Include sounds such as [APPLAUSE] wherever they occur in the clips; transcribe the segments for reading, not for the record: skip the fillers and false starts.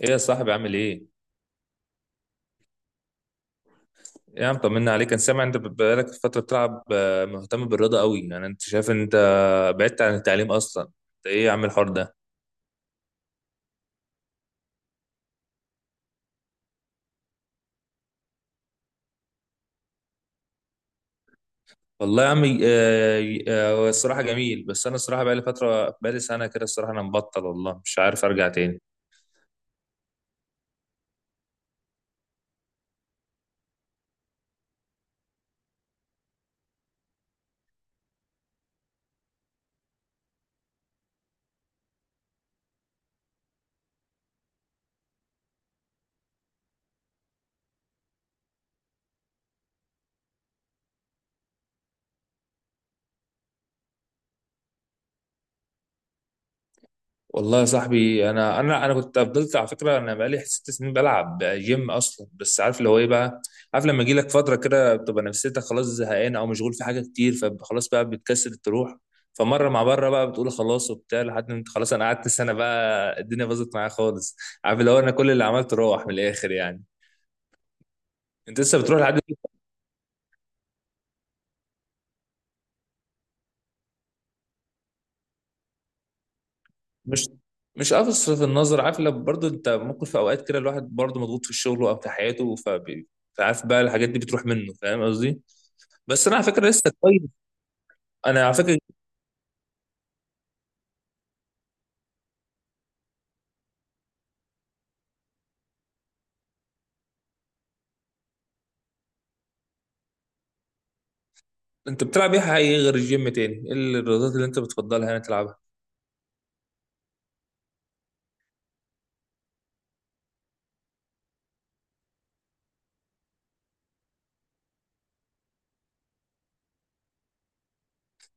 ايه يا صاحبي عامل ايه؟ إيه يا عم طمنا عليك. انا سامع انت بقالك فترة بتلعب، مهتم بالرياضة قوي. يعني انت شايف ان انت بعدت عن التعليم اصلا؟ انت ايه يا عم الحوار ده؟ والله يا عم، هو الصراحة جميل، بس انا الصراحة بقالي فترة، بقالي سنة كده الصراحة، انا مبطل والله، مش عارف ارجع تاني. والله يا صاحبي، انا كنت فضلت على فكره، انا بقالي 6 سنين بلعب جيم اصلا، بس عارف اللي هو ايه بقى؟ عارف لما يجي لك فتره كده بتبقى نفسيتك خلاص زهقان او مشغول في حاجه كتير، فخلاص بقى بتكسل تروح، فمره مع بره بقى بتقول خلاص وبتاع، لحد ما انت خلاص انا قعدت سنه بقى الدنيا باظت معايا خالص. عارف اللي هو انا كل اللي عملته روح من الاخر يعني. انت لسه بتروح لحد؟ مش مش قافص في النظر، عارف، لو برضه انت ممكن في اوقات كده الواحد برضه مضغوط في شغله او في حياته، فعارف بقى الحاجات دي بتروح منه، فاهم قصدي؟ بس انا على فكره لسه كويس. انا على فكره انت بتلعب ايه حقيقي غير الجيم؟ تاني ايه الرياضات اللي انت بتفضلها يعني تلعبها؟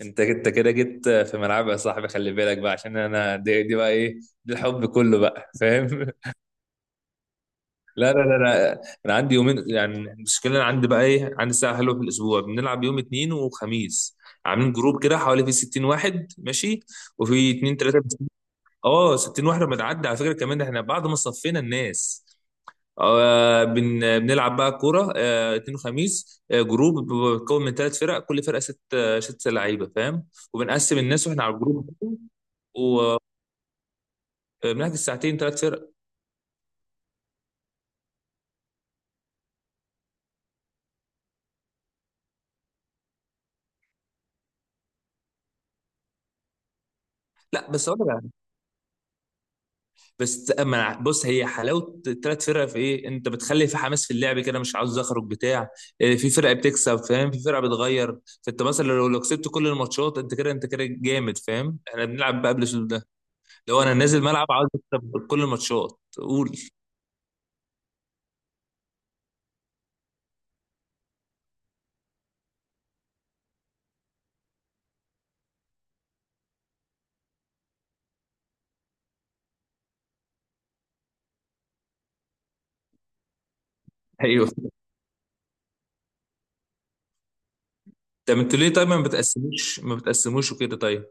انت كده جيت في ملعبي يا صاحبي، خلي بالك بقى، عشان انا دي بقى ايه، دي الحب كله بقى، فاهم؟ لا لا لا لا، انا عندي يومين يعني، المشكله انا عندي بقى ايه، عندي ساعه حلوه في الاسبوع، بنلعب يوم اثنين وخميس، عاملين جروب كده حوالي في 60 واحد ماشي، وفي اثنين ثلاثه. اه 60 واحد، لما تعدي على فكره كمان احنا بعد ما صفينا الناس. آه بن بنلعب بقى كوره، اثنين وخميس، جروب بيتكون من 3 فرق، كل فرقه ست لعيبه، فاهم؟ وبنقسم الناس واحنا على الجروب، وبنحجز ساعتين 3 فرق. لا بس اقول لك، بس اما بص، هي حلاوه الـ3 فرق في ايه، انت بتخلي في حماس في اللعب كده، مش عاوز اخرج بتاع. في فرقه بتكسب، فاهم، في فرقه بتغير، فانت مثلا لو كسبت كل الماتشات انت كده، انت كده جامد فاهم. احنا بنلعب بقى بالاسلوب ده، لو انا نازل ملعب عاوز اكسب كل الماتشات، قول. [LAUGHS] ايوه. طب انتوا ليه طيب ما بتقسموش، ما بتقسموش وكده طيب؟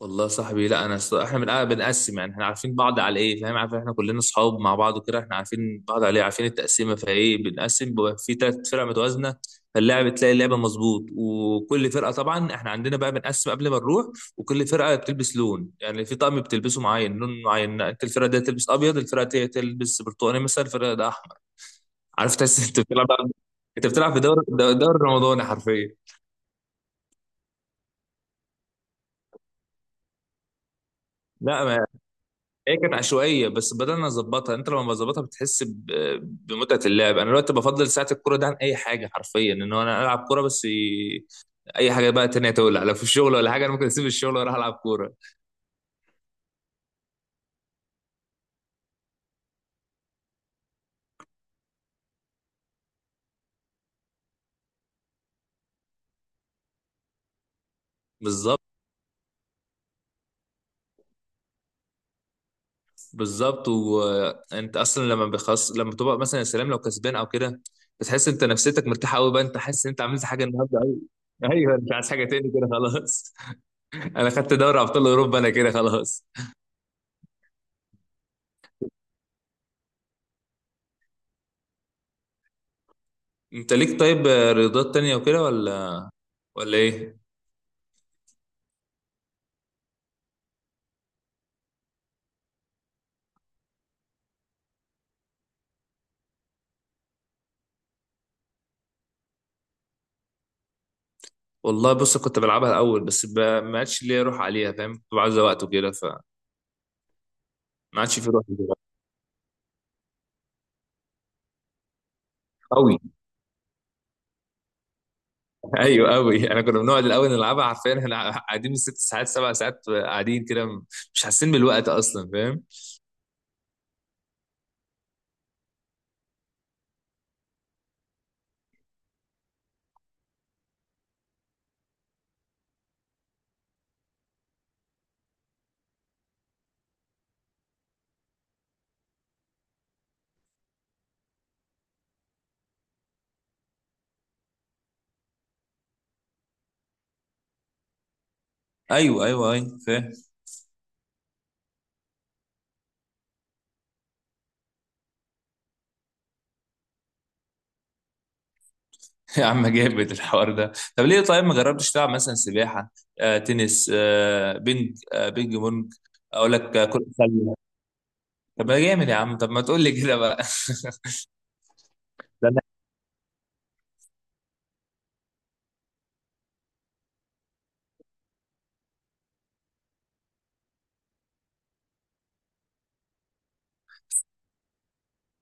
والله يا صاحبي لا، انا احنا بنقسم يعني، احنا عارفين بعض على ايه، فاهم؟ عارف، احنا كلنا اصحاب مع بعض وكده، احنا عارفين بعض على ايه، عارفين التقسيمه، فايه، بنقسم بيبقى في 3 فرق متوازنه، فاللاعب تلاقي اللعبه مظبوط، وكل فرقه طبعا احنا عندنا بقى بنقسم قبل ما نروح، وكل فرقه بتلبس لون، يعني في طقم بتلبسه معين، لون معين، انت الفرقه دي تلبس ابيض، الفرقه دي تلبس برتقاني مثلا، الفرقه ده احمر. عارف تحس انت بتلعب، انت بتلعب في دوري، دوري رمضاني حرفيا. لا، هي كانت عشوائيه بس بدلنا نظبطها، يعني انت لما بظبطها بتحس بمتعه اللعب. انا دلوقتي بفضل ساعه الكوره ده عن اي حاجه حرفيا، ان هو انا العب كوره بس، اي حاجه بقى تانية تولع، لو في الشغل ولا حاجه، انا ممكن اسيب الشغل واروح العب كوره. بالظبط. بالظبط، وانت اصلا لما بخص، لما بتبقى مثلا يا سلام لو كسبان او كده، بتحس انت نفسيتك مرتاحه قوي بقى، انت حاسس ان انت عملت حاجه النهارده قوي. ايوه، انت عايز حاجه تاني كده خلاص. [LAUGHS] انا خدت دوري ابطال اوروبا انا كده خلاص. انت ليك طيب رياضات تانية وكده ولا ولا ايه؟ والله بص، كنت بلعبها الاول بس ما عادش ليا روح عليها، فاهم؟ كنت بعزة وقت وكده، فما عادش في روح دلوقتي. قوي. [LAUGHS] ايوه قوي، انا كنا بنقعد الاول نلعبها حرفيا، احنا قاعدين بالست ساعات سبع ساعات، قاعدين كده مش حاسين بالوقت اصلا، فاهم؟ ايوه ايوه ايوه فاهم. [LAUGHS] يا عم جامد الحوار ده. طب ليه طيب ما جربتش تلعب مثلا سباحه، تنس، بينج بونج؟ اقول لك كره سله. طب ما جامد يا عم، طب ما تقول لي كده بقى. [LAUGHS]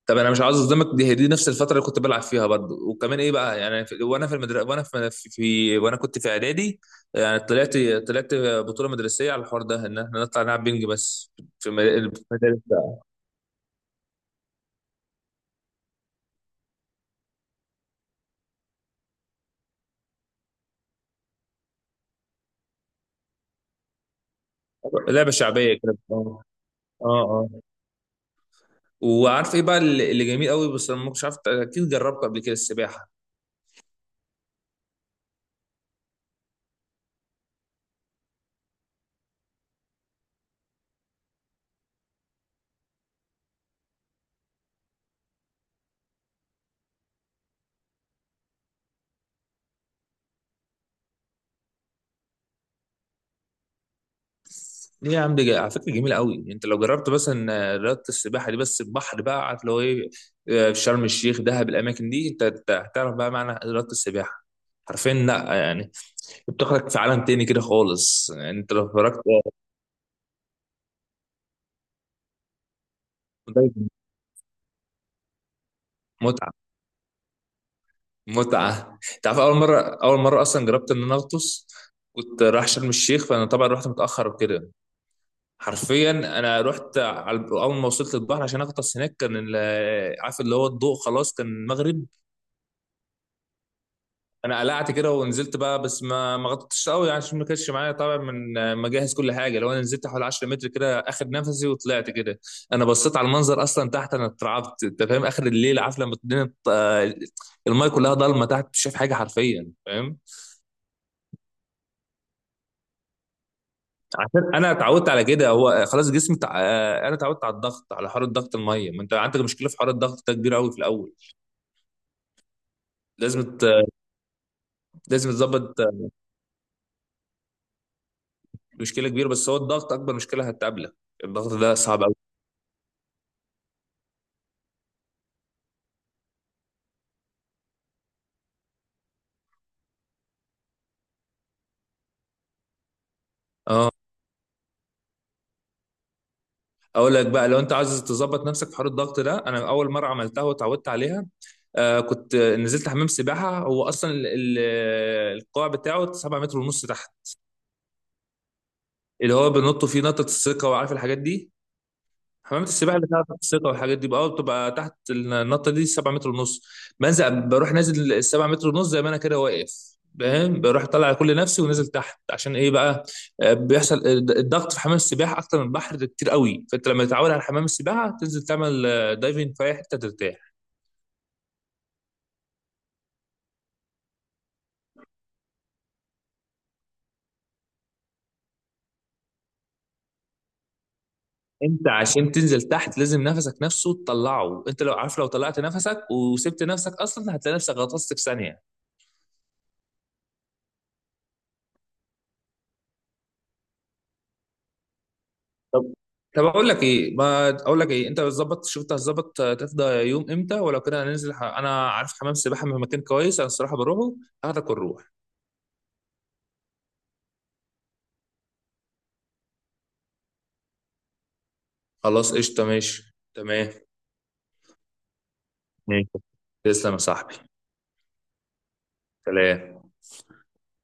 طب انا مش عاوز اصدمك، دي هي دي نفس الفتره اللي كنت بلعب فيها برضه، وكمان ايه بقى يعني، في وانا في المدرسه، وانا وانا كنت في اعدادي يعني، طلعت، طلعت بطوله مدرسيه على الحوار ده، ان احنا نطلع نلعب بينج، بس في المدارس. لعبه شعبيه كده. اه، اه، اه. وعارف ايه بقى اللي جميل قوي، بس أنا ما كنتش عارف، اكيد جربت قبل كده السباحه. ليه يا عم، دي على فكره جميله قوي، انت لو جربت مثلا رياضه السباحه دي، بس البحر بقى، عارف اللي هو ايه، في شرم الشيخ، دهب، الاماكن دي، انت أنت هتعرف بقى معنى رياضه السباحه حرفيا، لا يعني، بتاخدك في عالم تاني كده خالص، يعني انت لو اتفرجت متعه. متعه، انت عارف، اول مره، اول مره اصلا جربت ان انا اغطس، كنت رايح شرم الشيخ، فانا طبعا رحت متاخر وكده، حرفيا انا رحت على اول ما وصلت البحر عشان اغطس هناك، كان عارف اللي هو الضوء خلاص، كان المغرب، انا قلعت كده ونزلت بقى، بس ما غطيتش قوي يعني، عشان ما كانش معايا طبعا من مجهز كل حاجه، لو انا نزلت حوالي 10 متر كده، اخد نفسي وطلعت كده. انا بصيت على المنظر اصلا تحت انا اترعبت، انت فاهم، اخر الليل، عارف لما الدنيا المايه كلها ضلمه تحت، مش شايف حاجه حرفيا، فاهم؟ عشان انا اتعودت على كده، هو خلاص جسمي تع... آه، انا اتعودت على الضغط، على حر الضغط الميه، ما انت عندك مشكله في حر الضغط ده كبير قوي في الاول، لازم ت... لازم تظبط. مشكله كبيره، بس هو الضغط اكبر مشكله هتقابلك، الضغط ده صعب قوي. اه، اقول لك بقى، لو انت عايز تظبط نفسك في حوار الضغط ده، انا اول مره عملتها واتعودت عليها، آه، كنت نزلت حمام سباحه، هو اصلا القاع بتاعه 7 متر ونص تحت، اللي هو بنط فيه نطه الثقه وعارف الحاجات دي، حمامات السباحه اللي فيها الثقه والحاجات دي بقى، بتبقى تحت النطه دي 7 متر ونص، بنزل بروح نازل ال 7 متر ونص زي ما انا كده واقف، فاهم؟ بروح طالع كل نفسي ونازل تحت، عشان ايه بقى، بيحصل الضغط في حمام السباحه اكتر من البحر ده كتير قوي، فانت لما تتعود على حمام السباحه، تنزل تعمل دايفنج في اي حته ترتاح. انت عشان تنزل تحت لازم نفسك، نفسه تطلعه، انت لو عارف لو طلعت نفسك وسبت نفسك اصلا، هتلاقي نفسك غطست في ثانيه. طب طب اقول لك ايه ما اقول لك ايه انت بتظبط، شوف انت هتظبط تفضى يوم امتى، ولو كده هننزل، انا عارف حمام سباحه من مكان كويس، انا الصراحه بروحه، هاخدك ونروح. خلاص قشطه، ماشي تمام. ماشي. تسلم يا صاحبي. سلام.